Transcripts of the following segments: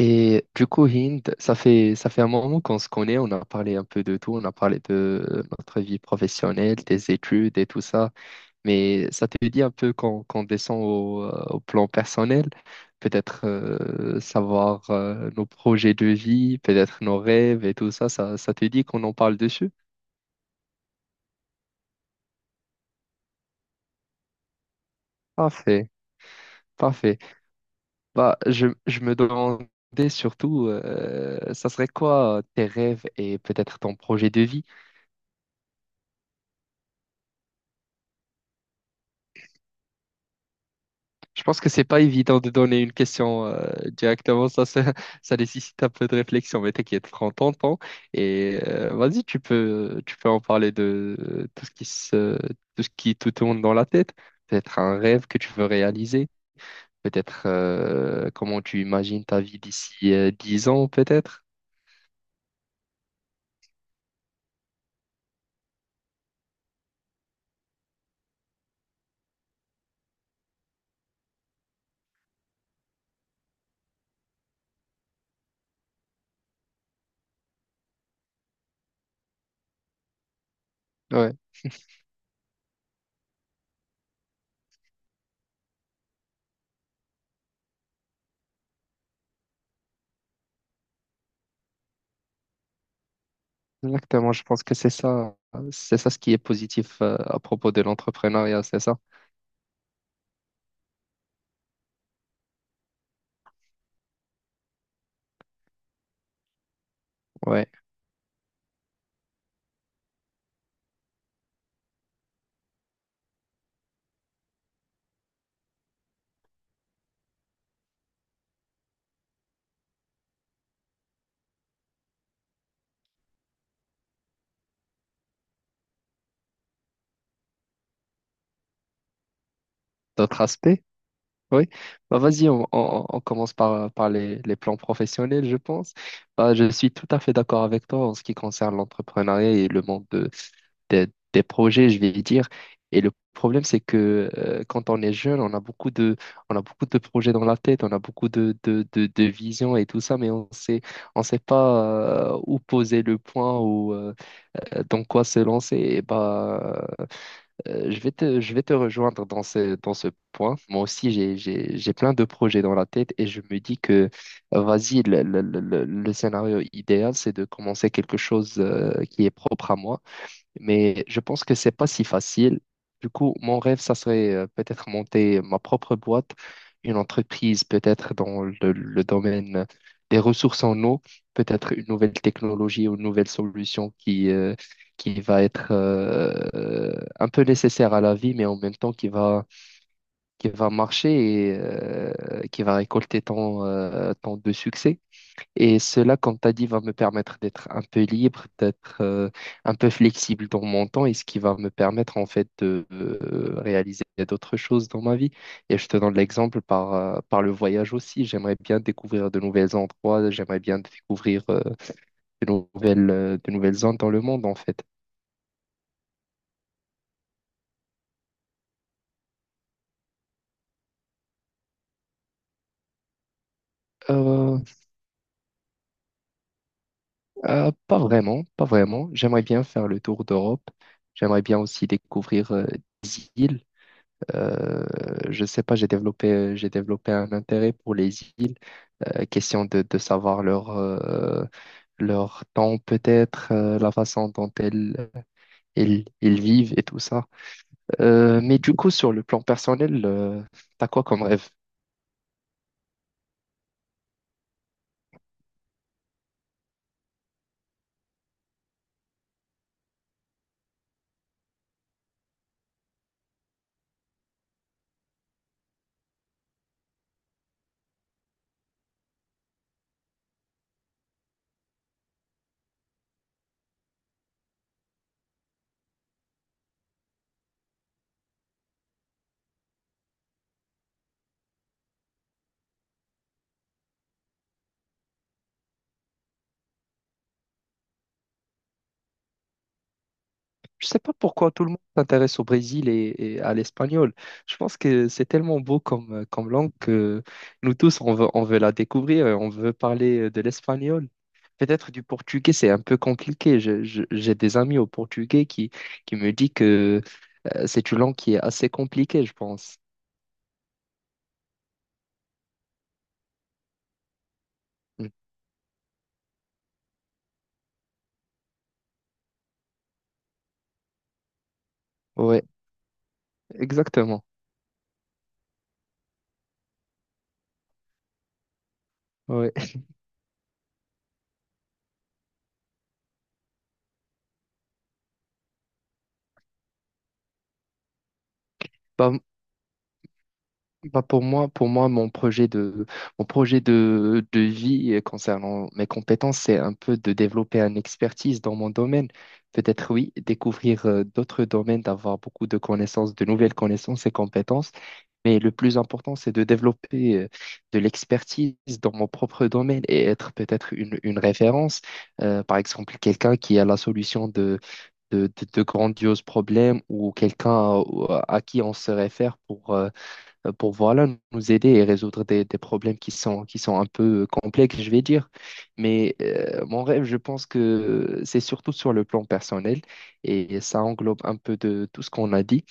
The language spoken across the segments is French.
Et du coup, Hind, ça fait un moment qu'on se connaît. On a parlé un peu de tout, on a parlé de notre vie professionnelle, des études et tout ça, mais ça te dit un peu qu'on descend au plan personnel, peut-être savoir nos projets de vie, peut-être nos rêves et tout ça, ça te dit qu'on en parle dessus? Parfait, parfait. Bah, je me demandais surtout, ça serait quoi tes rêves et peut-être ton projet de vie? Je pense que c'est pas évident de donner une question directement, ça nécessite un peu de réflexion. Mais t'inquiète, prends ton temps et vas-y, tu peux en parler de tout ce qui te tourne dans la tête, peut-être un rêve que tu veux réaliser, peut-être comment tu imagines ta vie d'ici 10 ans, peut-être. Ouais, exactement, je pense que c'est ça, ce qui est positif à propos de l'entrepreneuriat, c'est ça? Ouais, d'autres aspects? Oui, bah vas-y, on commence par les, plans professionnels, je pense. Bah, je suis tout à fait d'accord avec toi en ce qui concerne l'entrepreneuriat et le monde des des projets, je vais dire. Et le problème, c'est que quand on est jeune, on a beaucoup de projets dans la tête, on a beaucoup de visions et tout ça, mais on sait pas où poser le point ou dans quoi se lancer. Et bah, je vais te rejoindre dans ce point. Moi aussi, j'ai plein de projets dans la tête et je me dis que, vas-y, le scénario idéal, c'est de commencer quelque chose qui est propre à moi, mais je pense que c'est pas si facile. Du coup, mon rêve, ça serait peut-être monter ma propre boîte, une entreprise peut-être dans le domaine des ressources en eau, peut-être une nouvelle technologie ou une nouvelle solution qui va être un peu nécessaire à la vie, mais en même temps qui va marcher et qui va récolter tant de succès. Et cela, comme tu as dit, va me permettre d'être un peu libre, d'être un peu flexible dans mon temps, et ce qui va me permettre en fait de réaliser d'autres choses dans ma vie. Et je te donne l'exemple par le voyage aussi. J'aimerais bien découvrir de nouveaux endroits, j'aimerais bien découvrir de nouvelles, de nouvelles zones dans le monde en fait. Euh, Pas vraiment, pas vraiment. J'aimerais bien faire le tour d'Europe. J'aimerais bien aussi découvrir des îles. Euh, je sais pas, j'ai développé un intérêt pour les îles, question de savoir leur temps peut-être, la façon dont elles vivent et tout ça. Mais du coup, sur le plan personnel, t'as quoi comme rêve? Je sais pas pourquoi tout le monde s'intéresse au Brésil et à l'espagnol. Je pense que c'est tellement beau comme langue que nous tous, on veut la découvrir et on veut parler de l'espagnol. Peut-être du portugais, c'est un peu compliqué. J'ai des amis au portugais qui me disent que c'est une langue qui est assez compliquée, je pense. Mm. Ouais, exactement. Ouais. Bah, pour moi, mon projet de vie concernant mes compétences, c'est un peu de développer une expertise dans mon domaine. Peut-être oui, découvrir d'autres domaines, d'avoir beaucoup de connaissances, de nouvelles connaissances et compétences. Mais le plus important, c'est de développer de l'expertise dans mon propre domaine et être peut-être une référence. Par exemple, quelqu'un qui a la solution de grandioses problèmes, ou quelqu'un à qui on se réfère pour voilà, nous aider et résoudre des problèmes qui sont un peu complexes, je vais dire. Mais mon rêve, je pense que c'est surtout sur le plan personnel, et ça englobe un peu de tout ce qu'on a dit.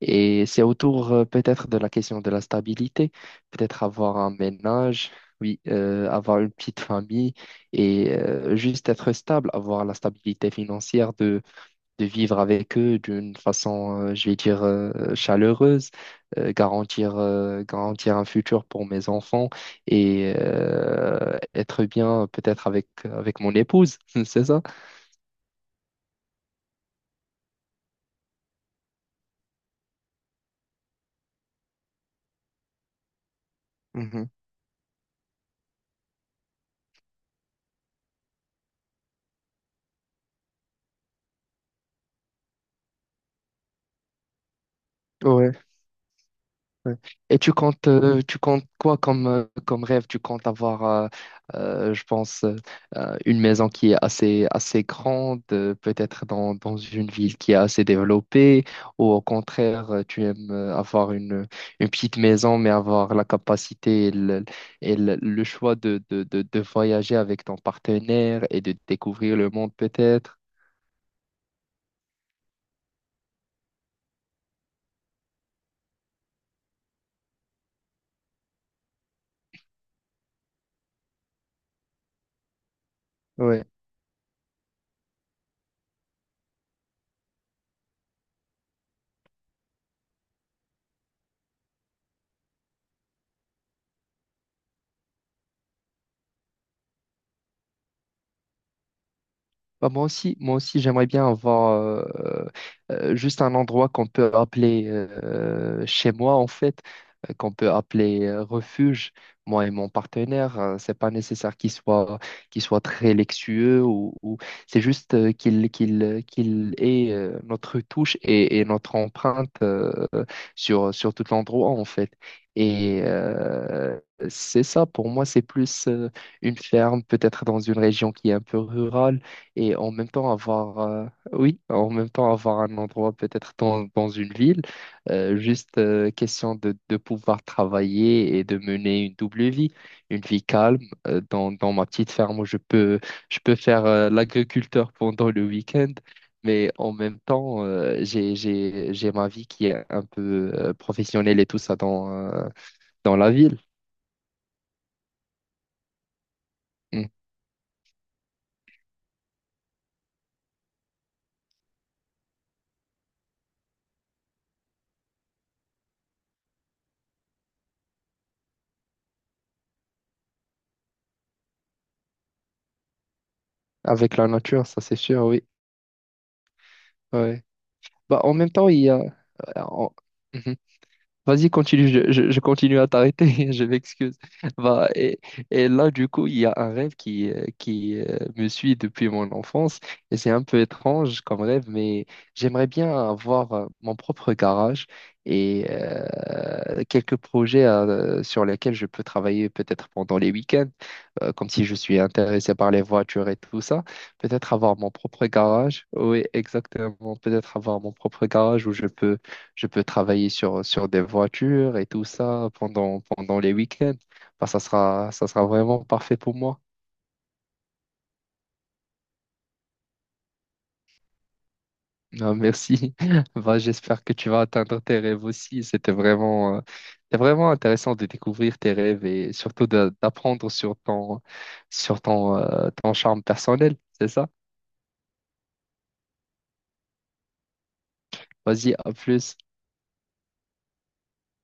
Et c'est autour peut-être de la question de la stabilité, peut-être avoir un ménage. Oui, avoir une petite famille et juste être stable, avoir la stabilité financière de vivre avec eux d'une façon, je vais dire, chaleureuse, garantir un futur pour mes enfants, et être bien peut-être avec, mon épouse, c'est ça? Mhm. Ouais. Ouais. Et tu comptes quoi comme rêve? Tu comptes avoir, je pense, une maison qui est assez, assez grande, peut-être dans, une ville qui est assez développée, ou au contraire, tu aimes avoir une petite maison, mais avoir la capacité et le choix de voyager avec ton partenaire et de découvrir le monde, peut-être. Bah, moi aussi, j'aimerais bien avoir juste un endroit qu'on peut appeler chez moi, en fait, qu'on peut appeler refuge. Moi et mon partenaire, c'est pas nécessaire qu'il soit très luxueux c'est juste qu'il ait notre touche et notre empreinte sur tout l'endroit, en fait. Et c'est ça, pour moi, c'est plus une ferme, peut-être dans une région qui est un peu rurale et en même temps avoir oui en même temps avoir un endroit peut-être dans, une ville, juste question de pouvoir travailler et de mener une double vie, une vie calme dans, ma petite ferme où je peux faire l'agriculteur pendant le week-end, mais en même temps j'ai ma vie qui est un peu professionnelle et tout ça dans la ville. Mm. Avec la nature, ça c'est sûr. Oui, ouais. Bah en même temps il y a en- Mhm. Vas-y, continue, je continue à t'arrêter, je m'excuse. Bah, et là, du coup, il y a un rêve qui me suit depuis mon enfance, et c'est un peu étrange comme rêve, mais j'aimerais bien avoir mon propre garage et quelques projets sur lesquels je peux travailler peut-être pendant les week-ends, comme si je suis intéressé par les voitures et tout ça. Peut-être avoir mon propre garage, oui, exactement, peut-être avoir mon propre garage où je peux travailler sur des voitures et tout ça pendant les week-ends. Bah, ça sera vraiment parfait pour moi. Ah, merci. Bah, j'espère que tu vas atteindre tes rêves aussi. C'était vraiment intéressant de découvrir tes rêves, et surtout d'apprendre sur ton, sur ton charme personnel. C'est ça? Vas-y, à plus.